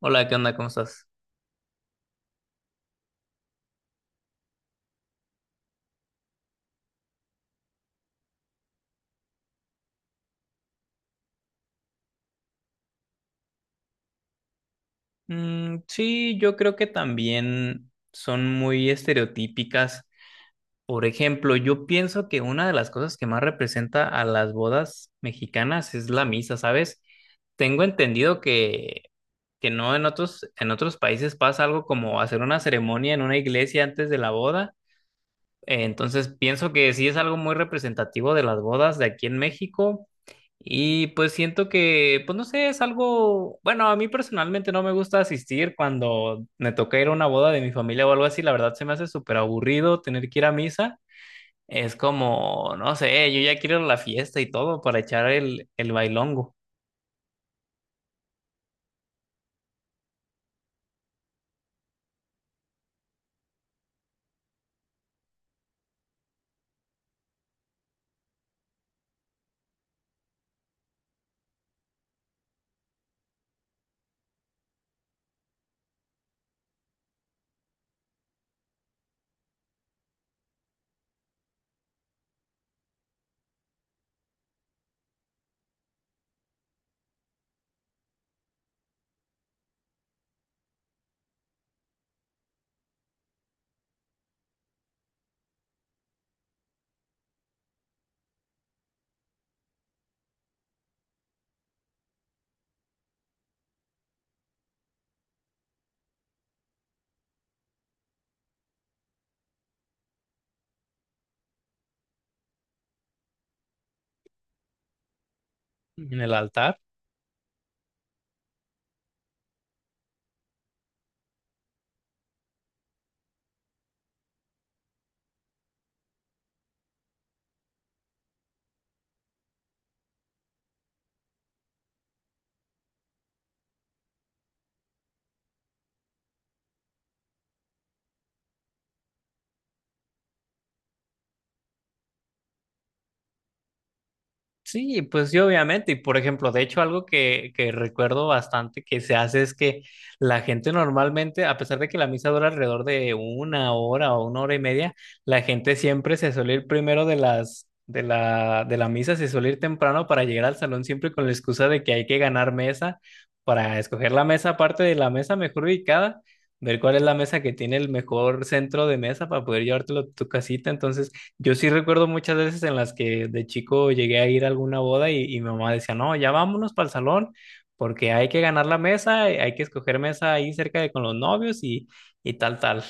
Hola, ¿qué onda? ¿Cómo estás? Mm, sí, yo creo que también son muy estereotípicas. Por ejemplo, yo pienso que una de las cosas que más representa a las bodas mexicanas es la misa, ¿sabes? Tengo entendido que no en otros, en otros países pasa algo como hacer una ceremonia en una iglesia antes de la boda. Entonces pienso que sí es algo muy representativo de las bodas de aquí en México, y pues siento que, pues no sé, es algo, bueno, a mí personalmente no me gusta asistir cuando me toca ir a una boda de mi familia o algo así, la verdad se me hace súper aburrido tener que ir a misa, es como, no sé, yo ya quiero ir a la fiesta y todo para echar el bailongo en el altar. Sí, pues sí, obviamente. Y por ejemplo, de hecho, algo que recuerdo bastante que se hace es que la gente normalmente, a pesar de que la misa dura alrededor de una hora o una hora y media, la gente siempre se suele ir primero de la misa, se suele ir temprano para llegar al salón siempre con la excusa de que hay que ganar mesa, para escoger la mesa aparte de la mesa mejor ubicada, ver cuál es la mesa que tiene el mejor centro de mesa para poder llevártelo a tu casita. Entonces, yo sí recuerdo muchas veces en las que de chico llegué a ir a alguna boda y mi mamá decía, no, ya vámonos para el salón porque hay que ganar la mesa, hay que escoger mesa ahí cerca de con los novios y tal, tal.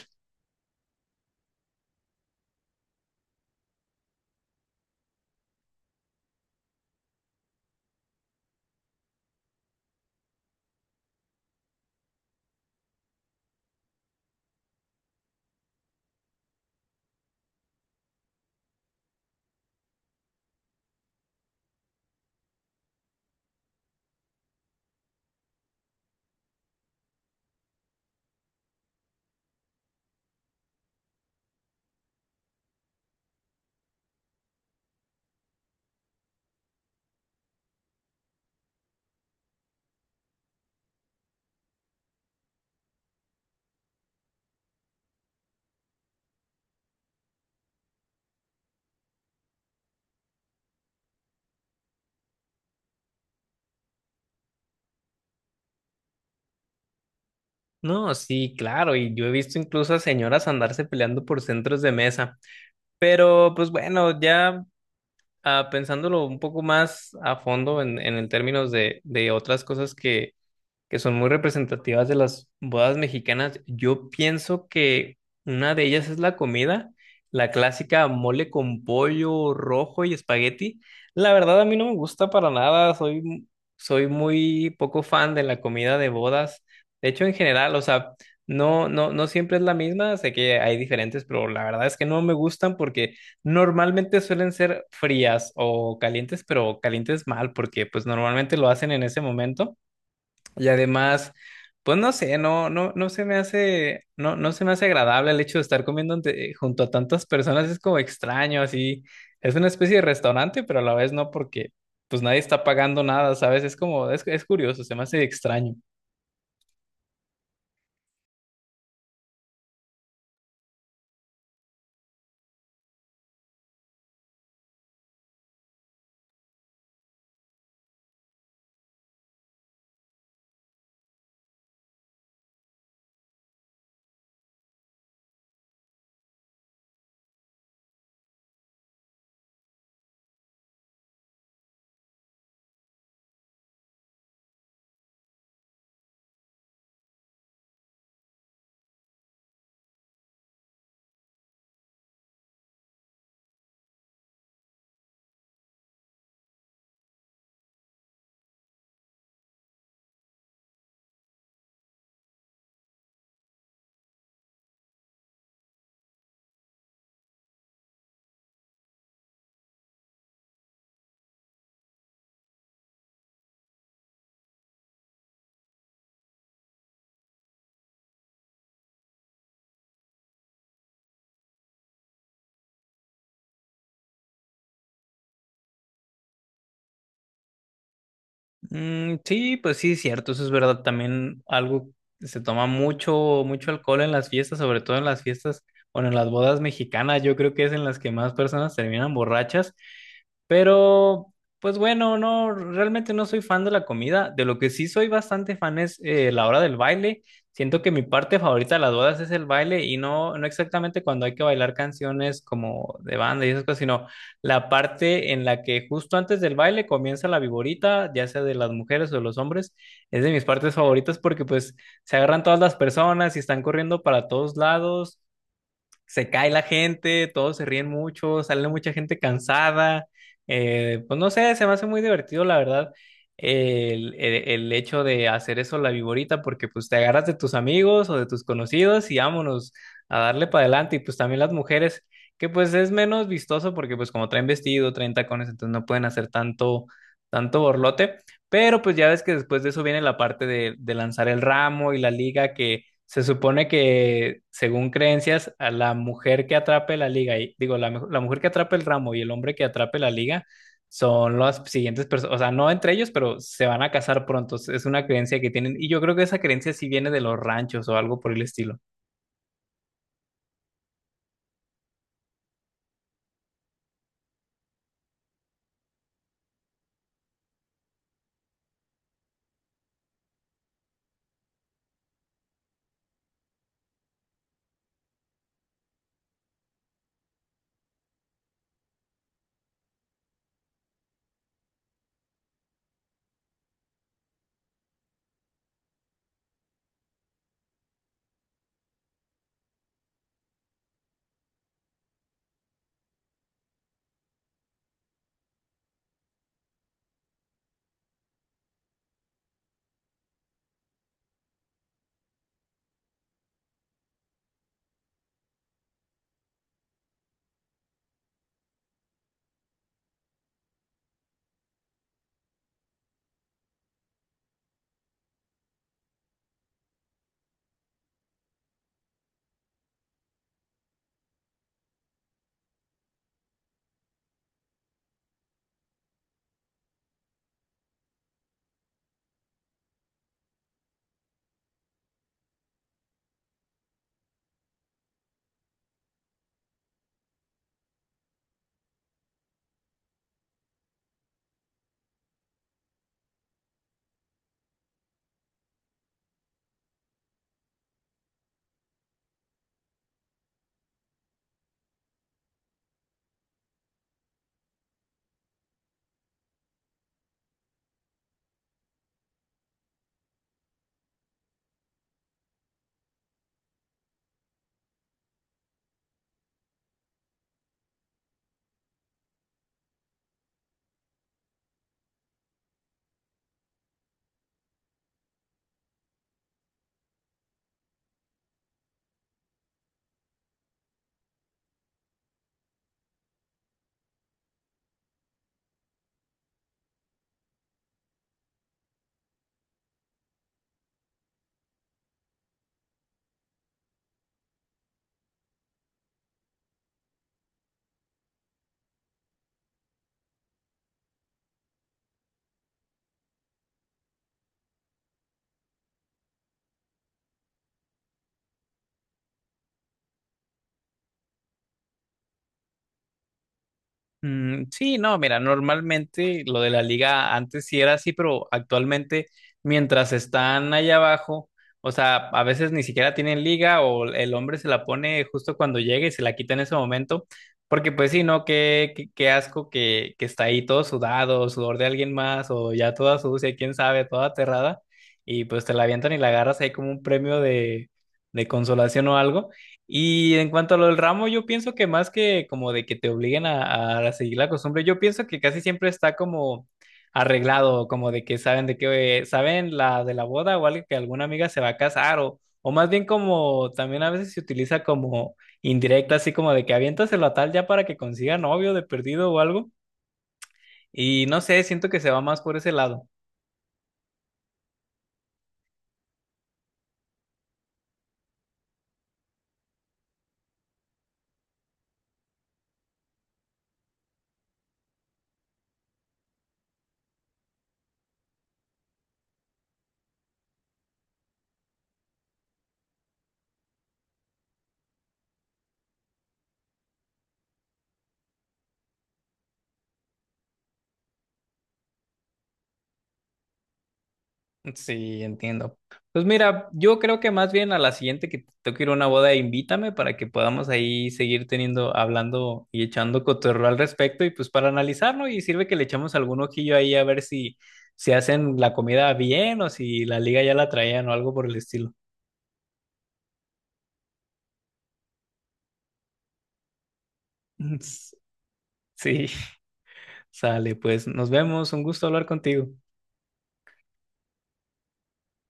No, sí, claro, y yo he visto incluso a señoras andarse peleando por centros de mesa, pero pues bueno, ya ah, pensándolo un poco más a fondo en el términos de otras cosas que son muy representativas de las bodas mexicanas. Yo pienso que una de ellas es la comida, la clásica mole con pollo rojo y espagueti. La verdad a mí no me gusta para nada, soy muy poco fan de la comida de bodas. De hecho, en general, o sea, no siempre es la misma, sé que hay diferentes, pero la verdad es que no me gustan porque normalmente suelen ser frías o calientes, pero calientes mal, porque pues normalmente lo hacen en ese momento. Y además, pues no sé, no se me hace, no se me hace agradable el hecho de estar comiendo ante- junto a tantas personas, es como extraño, así, es una especie de restaurante, pero a la vez no, porque pues nadie está pagando nada, ¿sabes? Es como, es curioso, se me hace extraño. Mm, sí, pues sí, es cierto, eso es verdad, también algo, se toma mucho, mucho alcohol en las fiestas, sobre todo en las fiestas, bueno, en las bodas mexicanas, yo creo que es en las que más personas terminan borrachas. Pero, pues bueno, no, realmente no soy fan de la comida. De lo que sí soy bastante fan es la hora del baile. Siento que mi parte favorita de las bodas es el baile y no, no exactamente cuando hay que bailar canciones como de banda y esas cosas, sino la parte en la que justo antes del baile comienza la viborita, ya sea de las mujeres o de los hombres, es de mis partes favoritas porque pues se agarran todas las personas y están corriendo para todos lados, se cae la gente, todos se ríen mucho, sale mucha gente cansada. Pues no sé, se me hace muy divertido, la verdad, el hecho de hacer eso la viborita, porque pues te agarras de tus amigos o de tus conocidos y vámonos a darle para adelante. Y pues también las mujeres, que pues es menos vistoso porque pues como traen vestido, traen tacones, entonces no pueden hacer tanto borlote. Pero pues ya ves que después de eso viene la parte de lanzar el ramo y la liga que se supone que, según creencias, a la mujer que atrape la liga, y, digo, la, mu- la mujer que atrape el ramo y el hombre que atrape la liga son las siguientes personas, o sea, no entre ellos, pero se van a casar pronto. Es una creencia que tienen, y yo creo que esa creencia sí viene de los ranchos o algo por el estilo. Mm, sí, no, mira, normalmente lo de la liga antes sí era así, pero actualmente mientras están allá abajo, o sea, a veces ni siquiera tienen liga o el hombre se la pone justo cuando llega y se la quita en ese momento, porque pues sí, ¿no? Qué asco que está ahí todo sudado, sudor de alguien más o ya toda sucia, quién sabe, toda aterrada y pues te la avientan y la agarras ahí como un premio de consolación o algo. Y en cuanto a lo del ramo, yo pienso que más que como de que te obliguen a seguir la costumbre, yo pienso que casi siempre está como arreglado, como de que saben la de la boda o algo que alguna amiga se va a casar o más bien como también a veces se utiliza como indirecta, así como de que aviéntaselo a tal ya para que consiga novio de perdido o algo. Y no sé, siento que se va más por ese lado. Sí, entiendo. Pues mira, yo creo que más bien a la siguiente que tengo que ir a una boda, invítame para que podamos ahí seguir teniendo, hablando y echando cotorreo al respecto y pues para analizarlo y sirve que le echamos algún ojillo ahí a ver si, si hacen la comida bien o si la liga ya la traían o algo por el estilo. Sí, sale, pues nos vemos, un gusto hablar contigo.